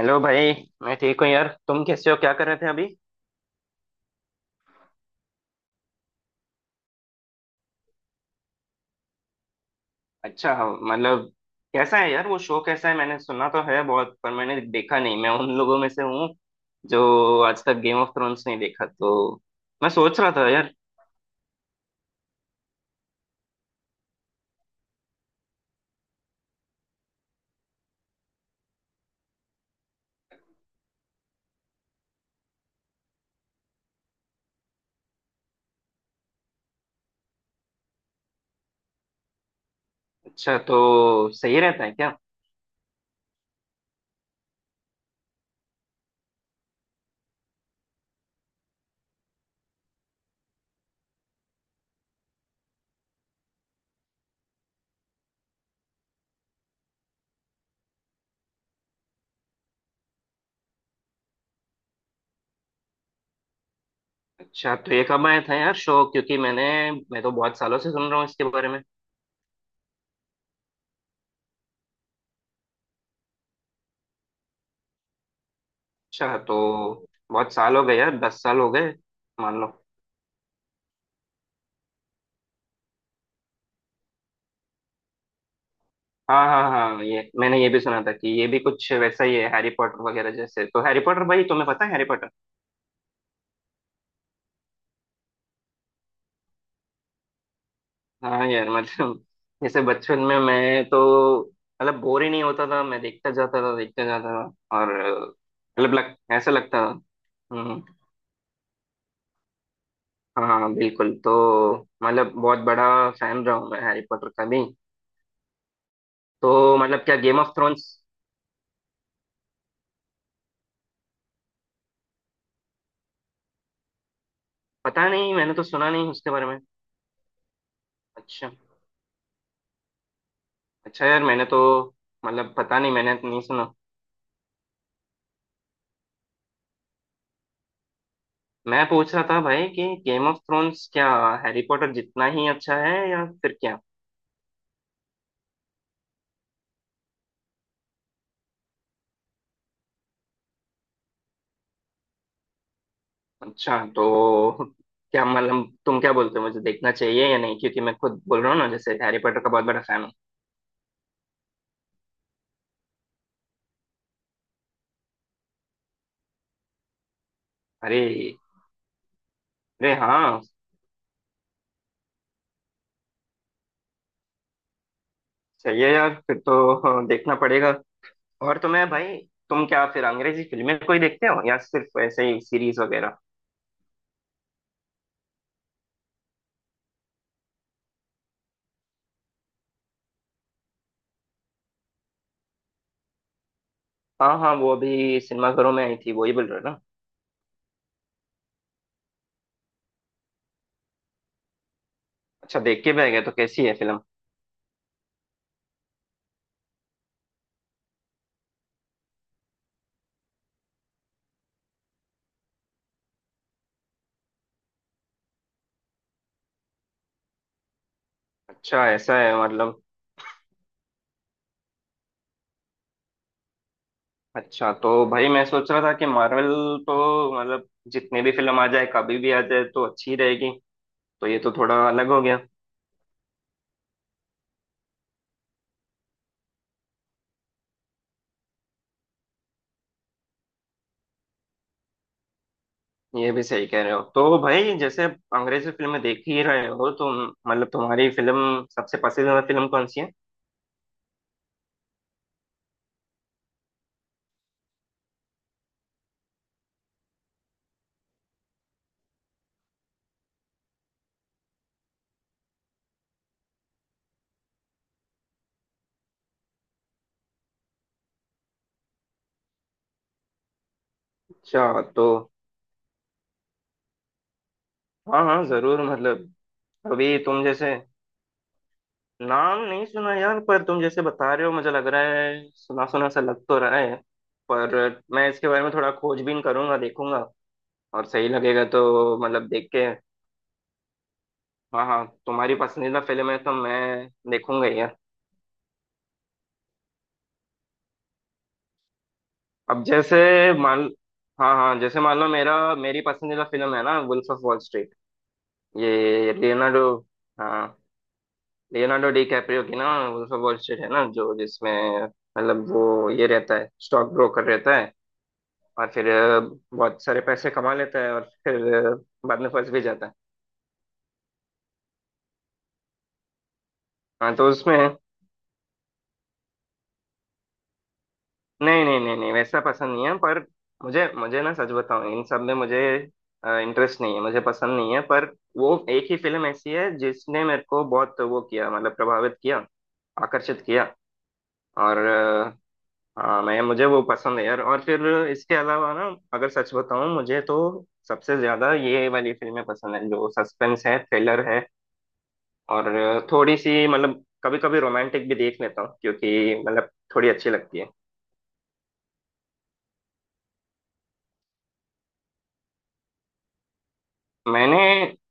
Hello भाई। मैं ठीक हूँ यार। तुम कैसे हो? क्या कर रहे थे अभी? अच्छा। हाँ, मतलब कैसा है यार वो शो कैसा है? मैंने सुना तो है बहुत पर मैंने देखा नहीं। मैं उन लोगों में से हूँ जो आज तक गेम ऑफ थ्रोन्स नहीं देखा, तो मैं सोच रहा था यार। अच्छा तो सही रहता है क्या? अच्छा तो ये कब आया था यार शो? क्योंकि मैं तो बहुत सालों से सुन रहा हूँ इसके बारे में। अच्छा। तो बहुत साल हो गए यार, दस साल हो गए मान लो। हाँ, हाँ, हाँ, ये भी सुना था कि ये भी कुछ वैसा ही है हैरी पॉटर वगैरह जैसे। तो हैरी पॉटर, भाई तुम्हें पता है हैरी पॉटर? हाँ यार मतलब जैसे बचपन में मैं तो मतलब बोर ही नहीं होता था, मैं देखता जाता था देखता जाता था, और मतलब ऐसा लगता था। हम्म। हाँ, बिल्कुल। तो मतलब बहुत बड़ा फैन रहा हूँ मैं हैरी पॉटर का भी। तो मतलब क्या, गेम ऑफ थ्रोन्स। पता नहीं, मैंने तो सुना नहीं उसके बारे में। अच्छा। अच्छा यार, मैंने तो मतलब पता नहीं, मैंने तो नहीं सुना। मैं पूछ रहा था भाई कि गेम ऑफ थ्रोन्स क्या हैरी पॉटर जितना ही अच्छा है या फिर क्या? अच्छा तो क्या मतलब, तुम क्या बोलते हो, मुझे देखना चाहिए या नहीं, क्योंकि मैं खुद बोल रहा हूँ ना जैसे हैरी पॉटर का बहुत बड़ा फैन हूँ। अरे, अरे, हाँ, सही है यार, फिर तो देखना पड़ेगा। और तुम्हें भाई, तुम क्या फिर अंग्रेजी फिल्में कोई देखते हो या सिर्फ ऐसे ही सीरीज वगैरह? हाँ, हाँ, वो अभी सिनेमाघरों में आई थी, वही बोल रहे हो ना? अच्छा, देख के भी आ गया? तो कैसी है फिल्म? अच्छा, ऐसा है मतलब। अच्छा तो भाई मैं सोच रहा था कि मार्वल, तो मतलब जितने भी फिल्म आ जाए कभी भी आ जाए तो अच्छी रहेगी, तो ये तो थोड़ा अलग हो गया। ये भी सही कह रहे हो। तो भाई, जैसे आप अंग्रेजी फिल्में देख ही रहे हो, तो मतलब तुम्हारी फिल्म, सबसे पसंदीदा फिल्म कौन सी है? अच्छा। तो हाँ, हाँ, जरूर मतलब। अभी तुम जैसे, नाम नहीं सुना यार, पर तुम जैसे बता रहे हो, मुझे लग रहा है सुना सुना सा लग तो रहा है। पर मैं इसके बारे में थोड़ा खोजबीन करूंगा, देखूंगा, और सही लगेगा तो मतलब देख के। हाँ, हाँ, तुम्हारी पसंदीदा फिल्म है तो मैं देखूंगा ही यार। अब जैसे मान हाँ, हाँ, जैसे मान लो, मेरा मेरी पसंदीदा फिल्म है ना वुल्फ ऑफ वॉल स्ट्रीट। ये लियोनार्डो। हाँ, लियोनार्डो डी कैप्रियो की ना वुल्फ ऑफ वॉल स्ट्रीट है ना, जो जिसमें मतलब वो ये रहता है, स्टॉक ब्रोकर रहता है, और फिर बहुत सारे पैसे कमा लेता है, और फिर बाद में फंस भी जाता है। हाँ तो उसमें, नहीं, नहीं, नहीं, नहीं, वैसा पसंद नहीं है पर, मुझे मुझे ना सच बताऊं, इन सब में मुझे इंटरेस्ट नहीं है, मुझे पसंद नहीं है, पर वो एक ही फिल्म ऐसी है जिसने मेरे को बहुत वो किया, मतलब प्रभावित किया, आकर्षित किया। और हाँ, मैं मुझे वो पसंद है यार। और फिर इसके अलावा ना, अगर सच बताऊं मुझे तो सबसे ज्यादा ये वाली फिल्में पसंद है जो सस्पेंस है, थ्रिलर है, और थोड़ी सी मतलब कभी कभी रोमांटिक भी देख लेता हूँ, क्योंकि मतलब थोड़ी अच्छी लगती है। मैंने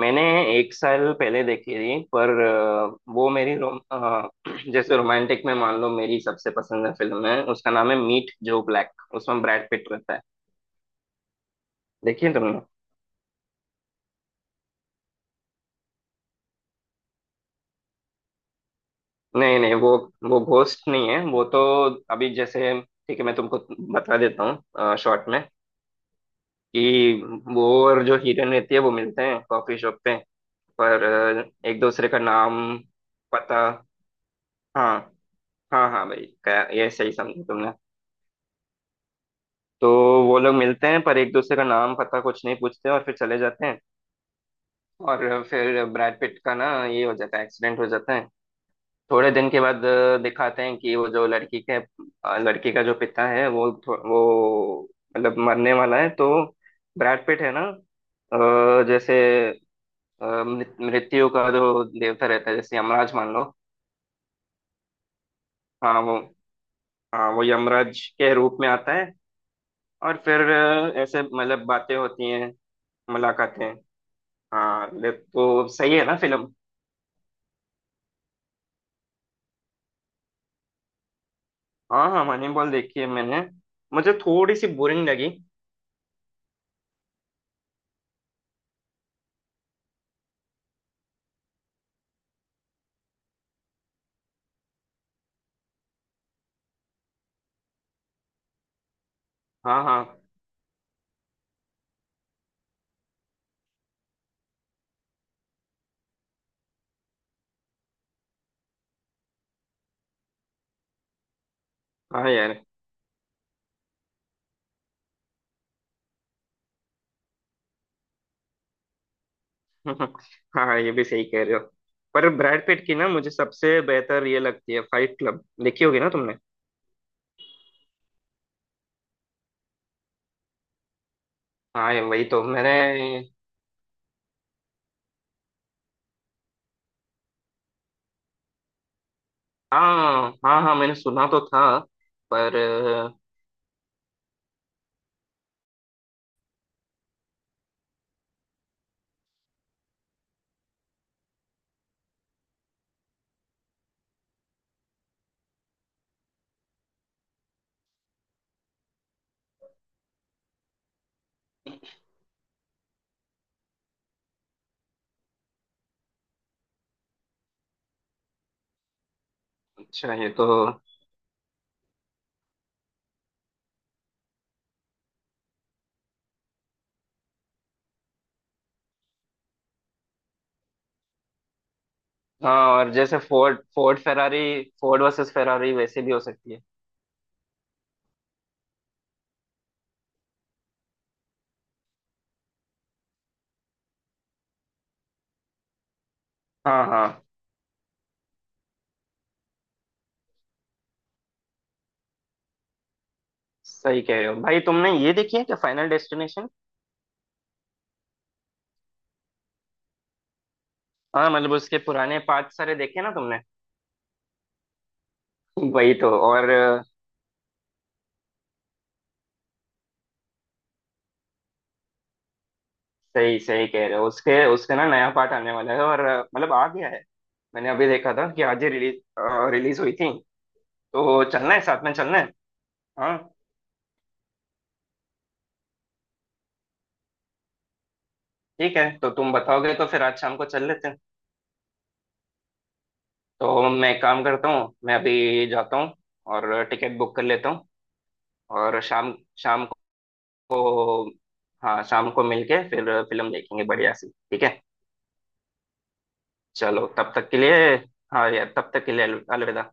मैंने एक साल पहले देखी थी, पर वो मेरी रोम अ, जैसे रोमांटिक में मान लो मेरी सबसे पसंदीदा फिल्म है, उसका नाम है मीट जो ब्लैक, उसमें ब्रैड पिट रहता है। देखी है तुमने? नहीं, नहीं, वो घोस्ट नहीं है, वो तो, अभी जैसे ठीक है, मैं तुमको बता देता हूँ शॉर्ट में कि वो और जो हीरोइन रहती है, वो मिलते हैं कॉफी शॉप पे, पर एक दूसरे का नाम पता। हाँ, हाँ, हाँ भाई, ये सही समझे तुमने। तो वो लोग मिलते हैं पर एक दूसरे का नाम पता कुछ नहीं पूछते और फिर चले जाते हैं। और फिर ब्रैड पिट का ना ये हो जाता है, एक्सीडेंट हो जाता है। थोड़े दिन के बाद दिखाते हैं कि वो जो लड़की का जो पिता है, वो मतलब मरने वाला है, तो ब्रैड पिट है ना, जैसे मृत्यु का जो देवता रहता है, जैसे यमराज मान लो। हाँ वो हाँ, वो यमराज के रूप में आता है। और फिर ऐसे मतलब बातें होती हैं, मुलाकातें। हाँ, ले तो सही है ना फिल्म? हाँ, हाँ, मनी बॉल देखी है मैंने, मुझे थोड़ी सी बोरिंग लगी। हाँ, हाँ, हाँ यार हाँ, हाँ, ये भी सही कह रहे हो। पर ब्रैड पिट की ना मुझे सबसे बेहतर ये लगती है, फाइट क्लब देखी होगी ना तुमने। हाँ, ये वही तो मैंने। हाँ, हाँ, हाँ, मैंने सुना तो था, पर अच्छा ये तो। हाँ, और जैसे Ford Ford Ferrari Ford versus Ferrari वैसे भी हो सकती है। हाँ, हाँ, सही कह रहे हो भाई। तुमने ये देखी है क्या, फाइनल डेस्टिनेशन? हाँ, मतलब उसके पुराने पार्ट सारे देखे ना तुमने। वही तो। और सही, सही कह रहे हो, उसके उसका ना नया पार्ट आने वाला है और मतलब आ गया है। मैंने अभी देखा था कि आज ही रिलीज रिलीज हुई थी। तो चलना है, साथ में चलना है। हाँ, ठीक है तो तुम बताओगे तो फिर आज शाम को चल लेते हैं। तो मैं एक काम करता हूँ, मैं अभी जाता हूँ और टिकट बुक कर लेता हूँ। और शाम शाम को, हाँ, शाम को मिलके फिर फिल्म देखेंगे बढ़िया सी, ठीक है। चलो, तब तक के लिए, हाँ यार, तब तक के लिए अलविदा।